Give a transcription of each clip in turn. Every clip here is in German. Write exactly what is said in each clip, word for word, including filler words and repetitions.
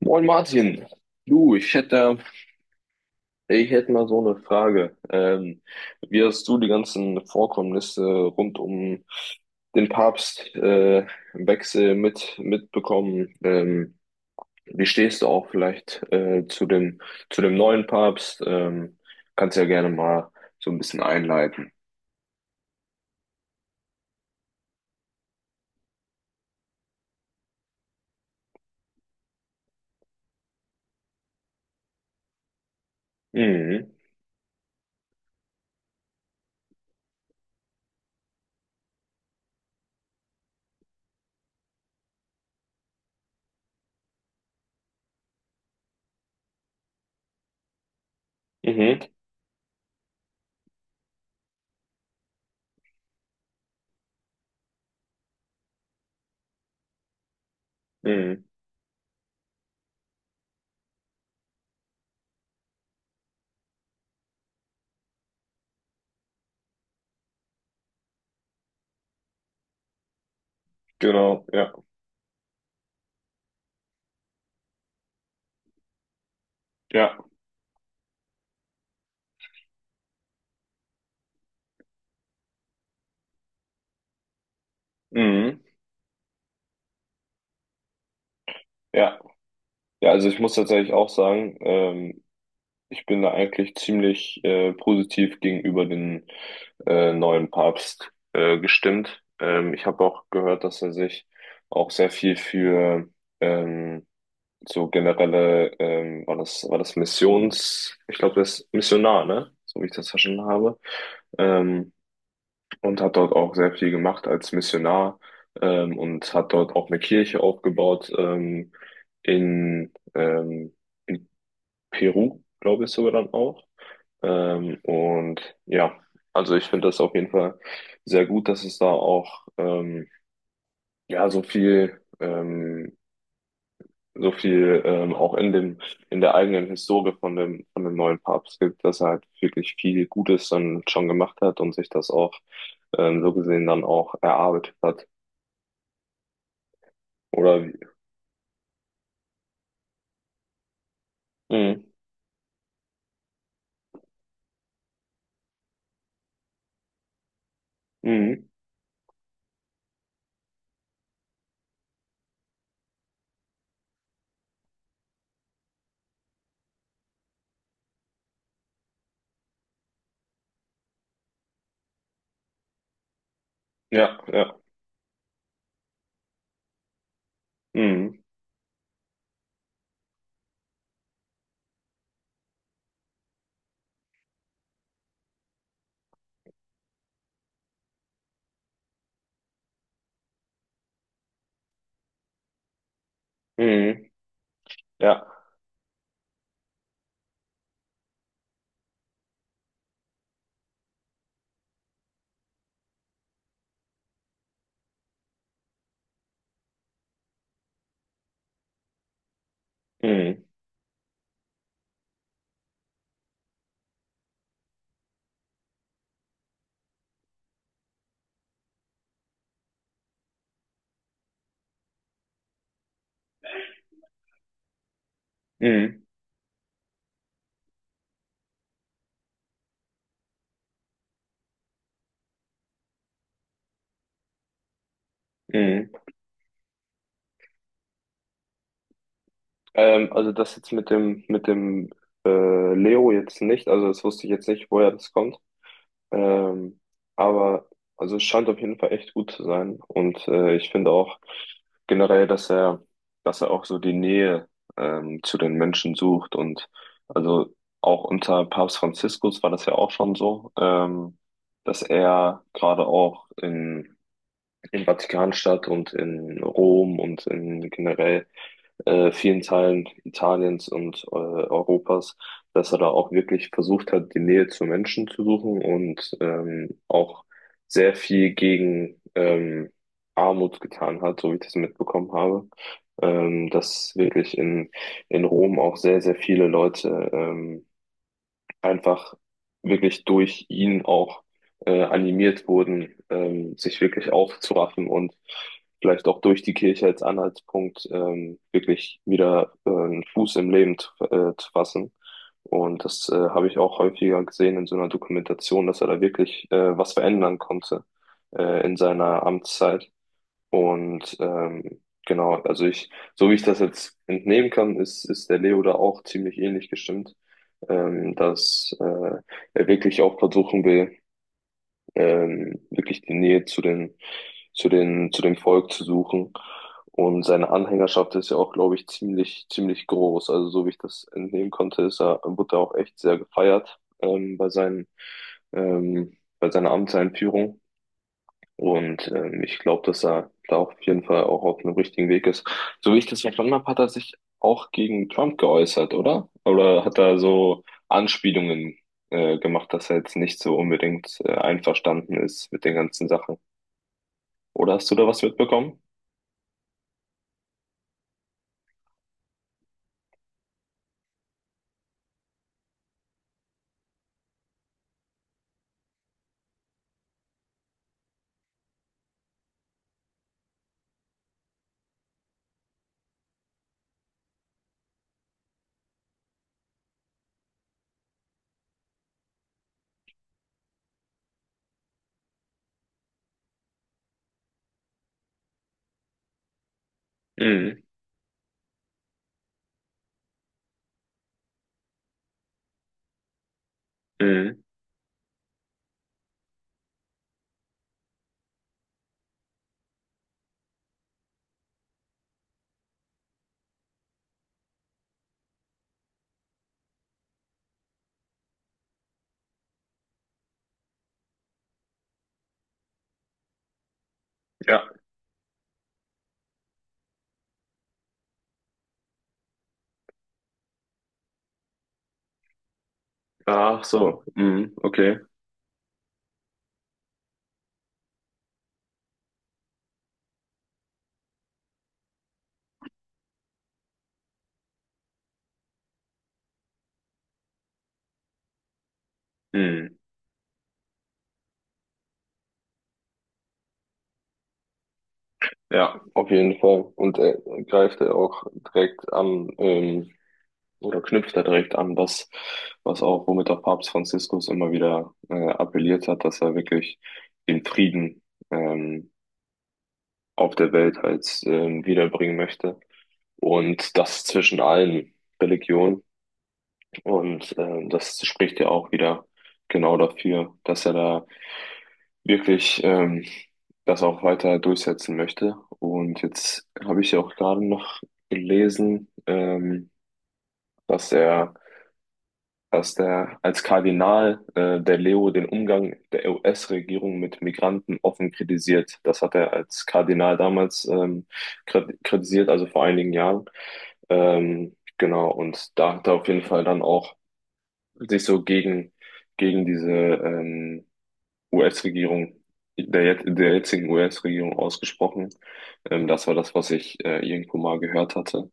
Moin Martin, du, ich hätte, ich hätte mal so eine Frage. Ähm, wie hast du die ganzen Vorkommnisse rund um den Papst, äh, Wechsel mit, mitbekommen? Ähm, wie stehst du auch vielleicht äh, zu dem, zu dem neuen Papst? Ähm, kannst ja gerne mal so ein bisschen einleiten. Mhm. Mhm. Mhm. Genau, ja. Ja. Mhm. Ja. Ja, also ich muss tatsächlich auch sagen, ähm, ich bin da eigentlich ziemlich äh, positiv gegenüber den äh, neuen Papst äh, gestimmt. Ähm, ich habe auch gehört, dass er sich auch sehr viel für ähm, so generelle, ähm, war das, war das Missions, ich glaube, das ist Missionar, ne? So wie ich das verstanden habe. Ähm, und hat dort auch sehr viel gemacht als Missionar ähm, und hat dort auch eine Kirche aufgebaut ähm, in, ähm, in Peru, glaube ich sogar dann auch. Ähm, und ja, also ich finde das auf jeden Fall sehr gut, dass es da auch ähm, ja so viel ähm, so viel ähm, auch in dem in der eigenen Historie von dem von dem neuen Papst gibt, dass er halt wirklich viel Gutes dann schon gemacht hat und sich das auch ähm, so gesehen dann auch erarbeitet hat. Oder wie? Mhm. Mhm. Ja, ja. Mhm. Mhm. Ja. Mhm. Mhm. Mhm. Ähm, also das jetzt mit dem, mit dem äh, Leo jetzt nicht, also das wusste ich jetzt nicht, woher das kommt. Ähm, aber also es scheint auf jeden Fall echt gut zu sein. Und äh, ich finde auch generell, dass er, dass er auch so die Nähe ähm, zu den Menschen sucht. Und also auch unter Papst Franziskus war das ja auch schon so, ähm, dass er gerade auch in, in Vatikanstadt und in Rom und in generell äh, vielen Teilen Italiens und äh, Europas, dass er da auch wirklich versucht hat, die Nähe zu Menschen zu suchen und ähm, auch sehr viel gegen ähm, Armut getan hat, so wie ich das mitbekommen habe. Ähm, dass wirklich in, in Rom auch sehr, sehr viele Leute ähm, einfach wirklich durch ihn auch äh, animiert wurden, ähm, sich wirklich aufzuraffen und vielleicht auch durch die Kirche als Anhaltspunkt ähm, wirklich wieder äh, einen Fuß im Leben zu, äh, zu fassen. Und das äh, habe ich auch häufiger gesehen in so einer Dokumentation, dass er da wirklich äh, was verändern konnte äh, in seiner Amtszeit. Und ähm, genau, also ich, so wie ich das jetzt entnehmen kann, ist, ist der Leo da auch ziemlich ähnlich gestimmt, ähm, dass äh, er wirklich auch versuchen will, ähm, wirklich die Nähe zu den, zu den, zu dem Volk zu suchen. Und seine Anhängerschaft ist ja auch, glaube ich, ziemlich, ziemlich groß. Also so wie ich das entnehmen konnte, ist er, wurde er auch echt sehr gefeiert ähm, bei seinen, ähm, bei seiner Amtseinführung. Und ähm, ich glaube, dass er da auf jeden Fall auch auf einem richtigen Weg ist. So wie ich das verstanden habe, hat er sich auch gegen Trump geäußert, oder? Oder hat er so Anspielungen äh, gemacht, dass er jetzt nicht so unbedingt äh, einverstanden ist mit den ganzen Sachen? Oder hast du da was mitbekommen? Mhm. Mhm. Ja. Ach so. Mhm. Okay. Mhm. Ja, auf jeden Fall. Und er greift er auch direkt an. Ähm, oder knüpft da direkt an, was, was auch, womit auch Papst Franziskus immer wieder äh, appelliert hat, dass er wirklich den Frieden ähm, auf der Welt halt ähm, wiederbringen möchte. Und das zwischen allen Religionen. Und ähm, das spricht ja auch wieder genau dafür, dass er da wirklich ähm, das auch weiter durchsetzen möchte. Und jetzt habe ich ja auch gerade noch gelesen, ähm, dass er dass der als Kardinal äh, der Leo den Umgang der U S-Regierung mit Migranten offen kritisiert. Das hat er als Kardinal damals ähm, krit- kritisiert, also vor einigen Jahren. Ähm, genau, und da hat er auf jeden Fall dann auch sich so gegen, gegen diese ähm, U S-Regierung, der, jet- der jetzigen U S-Regierung ausgesprochen. Ähm, das war das, was ich äh, irgendwo mal gehört hatte.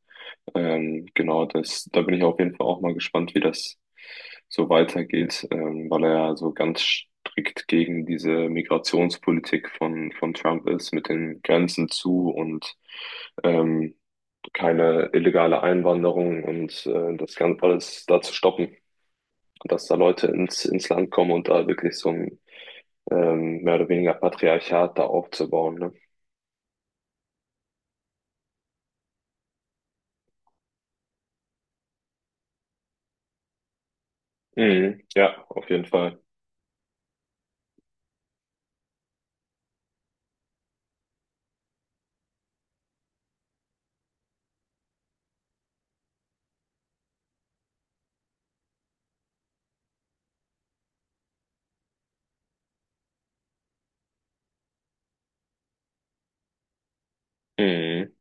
Ähm, genau, das, da bin ich auf jeden Fall auch mal gespannt, wie das so weitergeht, ähm, weil er ja so ganz strikt gegen diese Migrationspolitik von, von Trump ist, mit den Grenzen zu und ähm, keine illegale Einwanderung und äh, das Ganze alles da zu stoppen, dass da Leute ins, ins Land kommen und da wirklich so ein ähm, mehr oder weniger Patriarchat da aufzubauen, ne? Mhm, ja, auf jeden Fall. Mhm,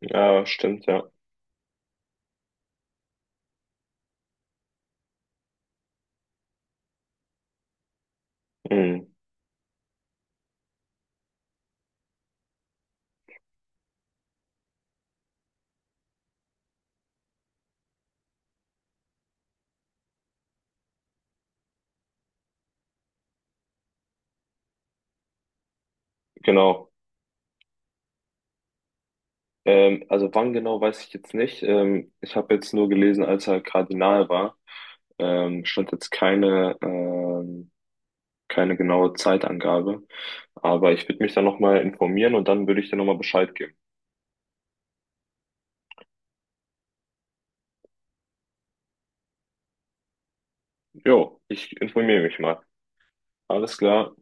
ja, stimmt, ja. Mhm, genau. Ähm, also wann genau weiß ich jetzt nicht. Ähm, ich habe jetzt nur gelesen, als er Kardinal war. Ähm, stand jetzt keine, ähm, keine genaue Zeitangabe. Aber ich würde mich dann nochmal informieren und dann würde ich dir nochmal Bescheid geben. Jo, ich informiere mich mal. Alles klar.